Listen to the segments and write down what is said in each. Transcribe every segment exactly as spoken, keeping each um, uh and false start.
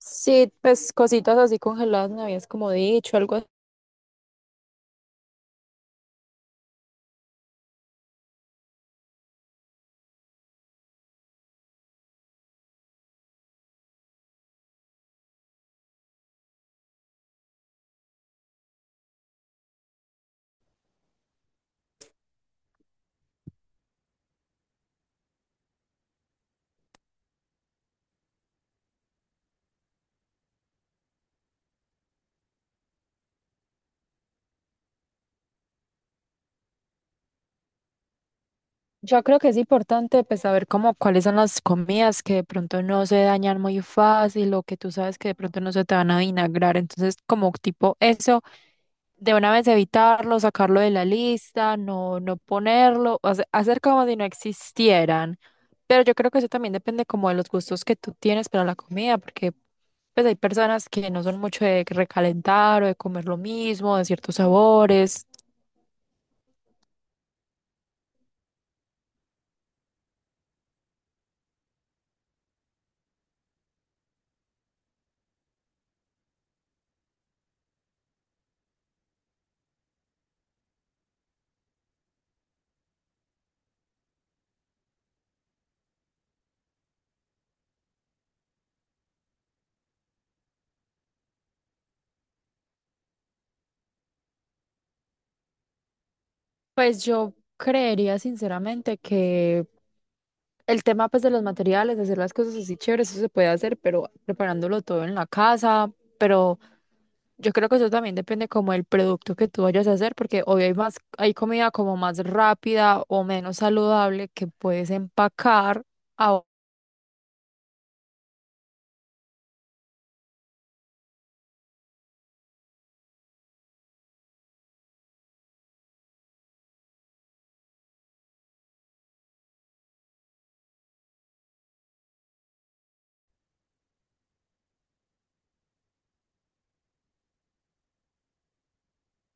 Sí, pues cositas así congeladas me habías como dicho, algo. Yo creo que es importante pues saber cómo cuáles son las comidas que de pronto no se dañan muy fácil o que tú sabes que de pronto no se te van a vinagrar. Entonces, como tipo eso, de una vez evitarlo, sacarlo de la lista, no, no ponerlo, hace- hacer como si no existieran. Pero yo creo que eso también depende como de los gustos que tú tienes para la comida, porque pues hay personas que no son mucho de recalentar o de comer lo mismo, de ciertos sabores. Pues yo creería sinceramente que el tema pues de los materiales, hacer las cosas así chéveres, eso se puede hacer, pero preparándolo todo en la casa, pero yo creo que eso también depende como del producto que tú vayas a hacer, porque hoy hay más, hay comida como más rápida o menos saludable que puedes empacar. a-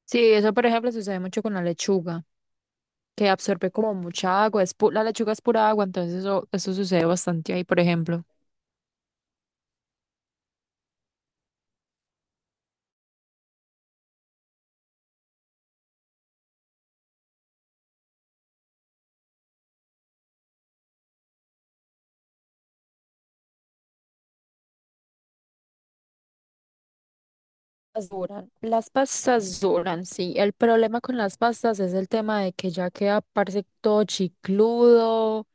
Sí, eso por ejemplo sucede mucho con la lechuga, que absorbe como mucha agua, es pu- la lechuga es pura agua, entonces eso, eso sucede bastante ahí, por ejemplo. Las duran, las pastas duran, sí. El problema con las pastas es el tema de que ya queda, parece todo chicludo.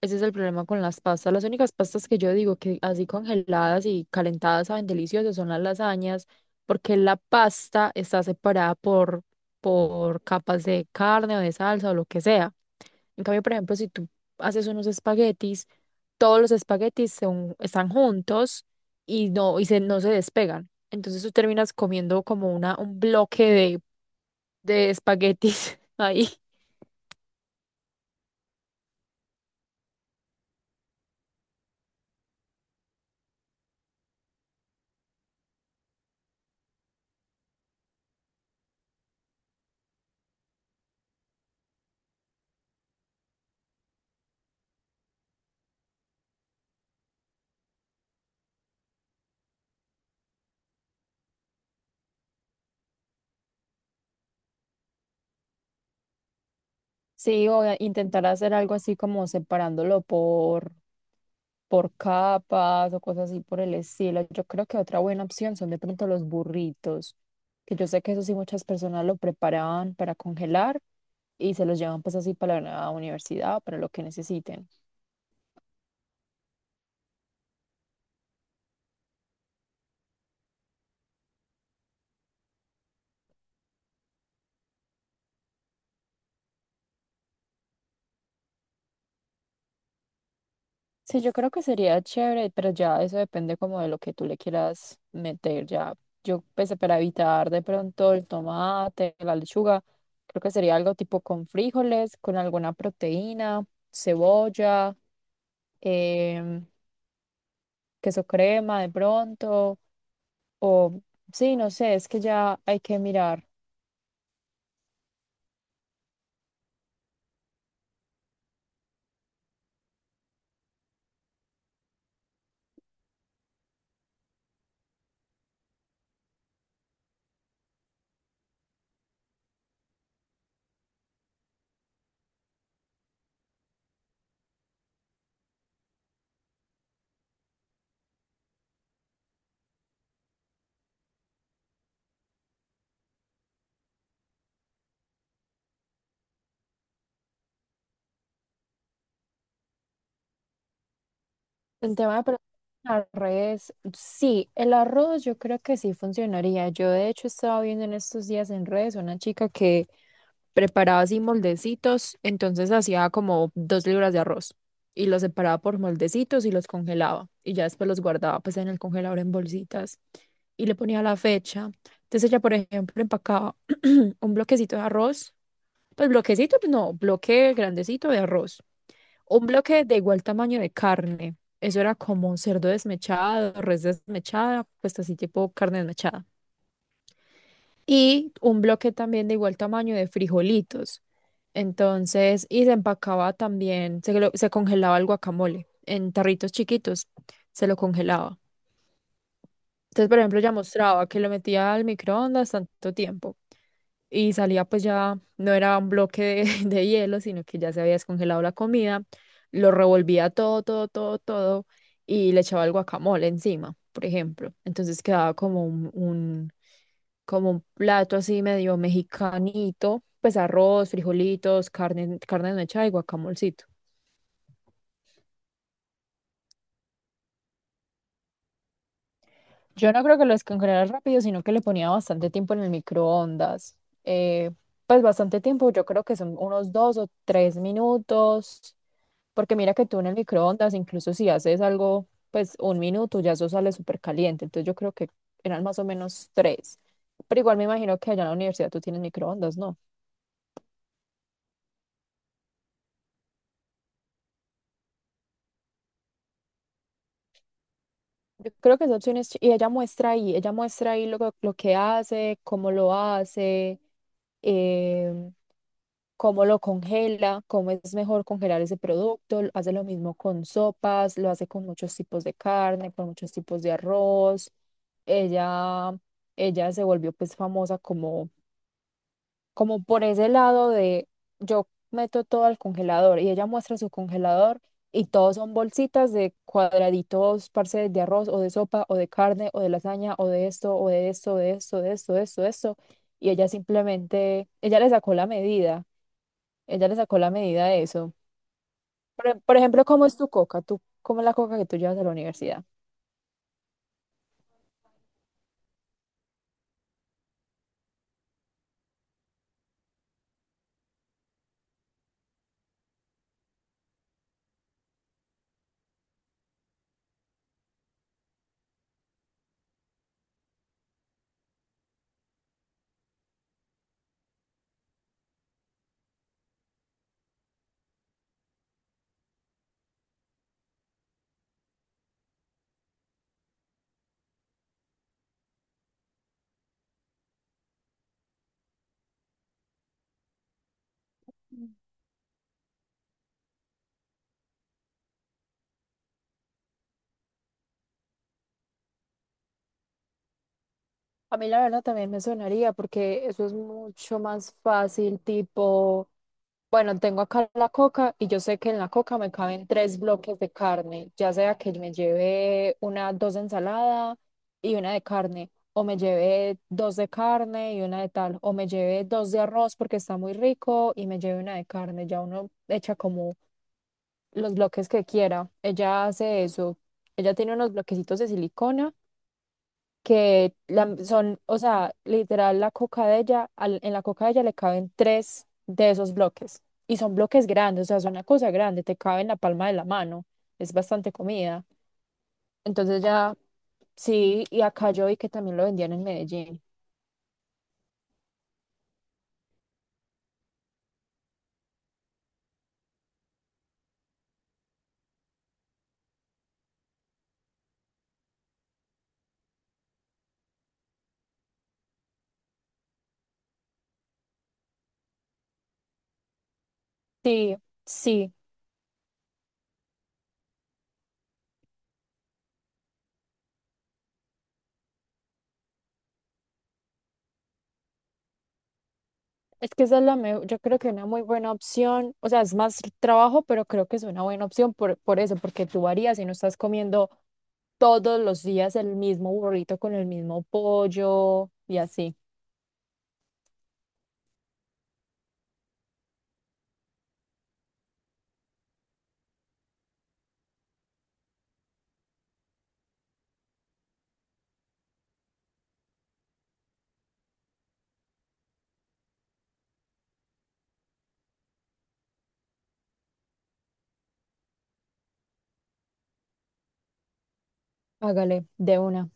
Ese es el problema con las pastas. Las únicas pastas que yo digo que así congeladas y calentadas saben deliciosas son las lasañas, porque la pasta está separada por, por, capas de carne o de salsa o lo que sea. En cambio, por ejemplo, si tú haces unos espaguetis, todos los espaguetis son- están juntos y no, y se, no se despegan. Entonces tú terminas comiendo como una, un bloque de, de, espaguetis ahí. Sí, o a intentar hacer algo así como separándolo por, por capas o cosas así por el estilo. Yo creo que otra buena opción son de pronto los burritos, que yo sé que eso sí muchas personas lo preparaban para congelar y se los llevan pues así para la universidad, para lo que necesiten. Sí, yo creo que sería chévere, pero ya eso depende como de lo que tú le quieras meter. Ya, yo pensé para evitar de pronto el tomate, la lechuga, creo que sería algo tipo con frijoles, con alguna proteína, cebolla, em, queso crema de pronto, o sí, no sé, es que ya hay que mirar. El tema de preparar arroz, sí, el arroz yo creo que sí funcionaría. Yo de hecho estaba viendo en estos días en redes una chica que preparaba así moldecitos, entonces hacía como dos libras de arroz y los separaba por moldecitos y los congelaba y ya después los guardaba pues en el congelador en bolsitas y le ponía la fecha. Entonces ella, por ejemplo, empacaba un un bloquecito de arroz, pues bloquecito, pues, no, bloque grandecito de arroz. Un bloque de igual tamaño de carne. Eso era como cerdo desmechado, res desmechada, pues así tipo carne desmechada. Y un bloque también de igual tamaño de frijolitos. Entonces, y se empacaba también, se, lo- se congelaba el guacamole en tarritos chiquitos, se lo congelaba. Entonces, por ejemplo, ya mostraba que lo metía al microondas tanto tiempo y salía pues ya, no era un bloque de, de hielo, sino que ya se había descongelado la comida, lo revolvía todo, todo, todo, todo y le echaba el guacamole encima, por ejemplo. Entonces quedaba como un, un- como un plato así medio mexicanito, pues arroz, frijolitos, carne, carne mechada y guacamolcito. Yo no creo que lo descongelara rápido, sino que le ponía bastante tiempo en el microondas. Eh, pues bastante tiempo, yo creo que son unos dos o tres minutos, porque mira que tú en el microondas, incluso si haces algo, pues un minuto, ya eso sale súper caliente. Entonces yo creo que eran más o menos tres. Pero igual me imagino que allá en la universidad tú tienes microondas, ¿no? Yo creo que esa opción es, ch- y ella muestra ahí, ella muestra ahí lo, que- lo que hace, cómo lo hace, em, cómo lo congela, cómo es mejor congelar ese producto, lo- hace lo mismo con sopas, lo hace con muchos tipos de carne, con muchos tipos de arroz. Ella, ella se volvió pues famosa como como por ese lado de yo meto todo al congelador y ella muestra su congelador y todos son bolsitas de cuadraditos, parce, de arroz o de sopa o de carne o de lasaña o de esto o de esto, de esto, de esto, de esto, de esto. Y ella simplemente, ella le sacó la medida, ella le sacó la medida de eso. Por, e- por ejemplo, ¿cómo es tu coca? ¿Tú, cómo es la coca que tú llevas a la universidad? A mí la verdad también me sonaría porque eso es mucho más fácil, tipo, bueno, tengo acá la coca y yo sé que en la coca me caben tres bloques de carne, ya sea que me lleve una, dos de ensalada y una de carne, o me lleve dos de carne y una de tal, o me lleve dos de arroz porque está muy rico y me lleve una de carne, ya uno echa como los bloques que quiera. Ella hace eso, ella tiene unos bloquecitos de silicona que la- son, o sea, literal la coca de ella, al- en la coca de ella le caben tres de esos bloques. Y son bloques grandes, o sea, es una cosa grande, te cabe en la palma de la mano, es bastante comida. Entonces ya, sí, y acá yo vi que también lo vendían en Medellín. Sí, sí. Es que esa es la mejor, yo creo que una muy buena opción, o sea, es más trabajo, pero creo que es una buena opción por, por, eso, porque tú varías y no estás comiendo todos los días el mismo burrito con el mismo pollo y así. Hágale, de una.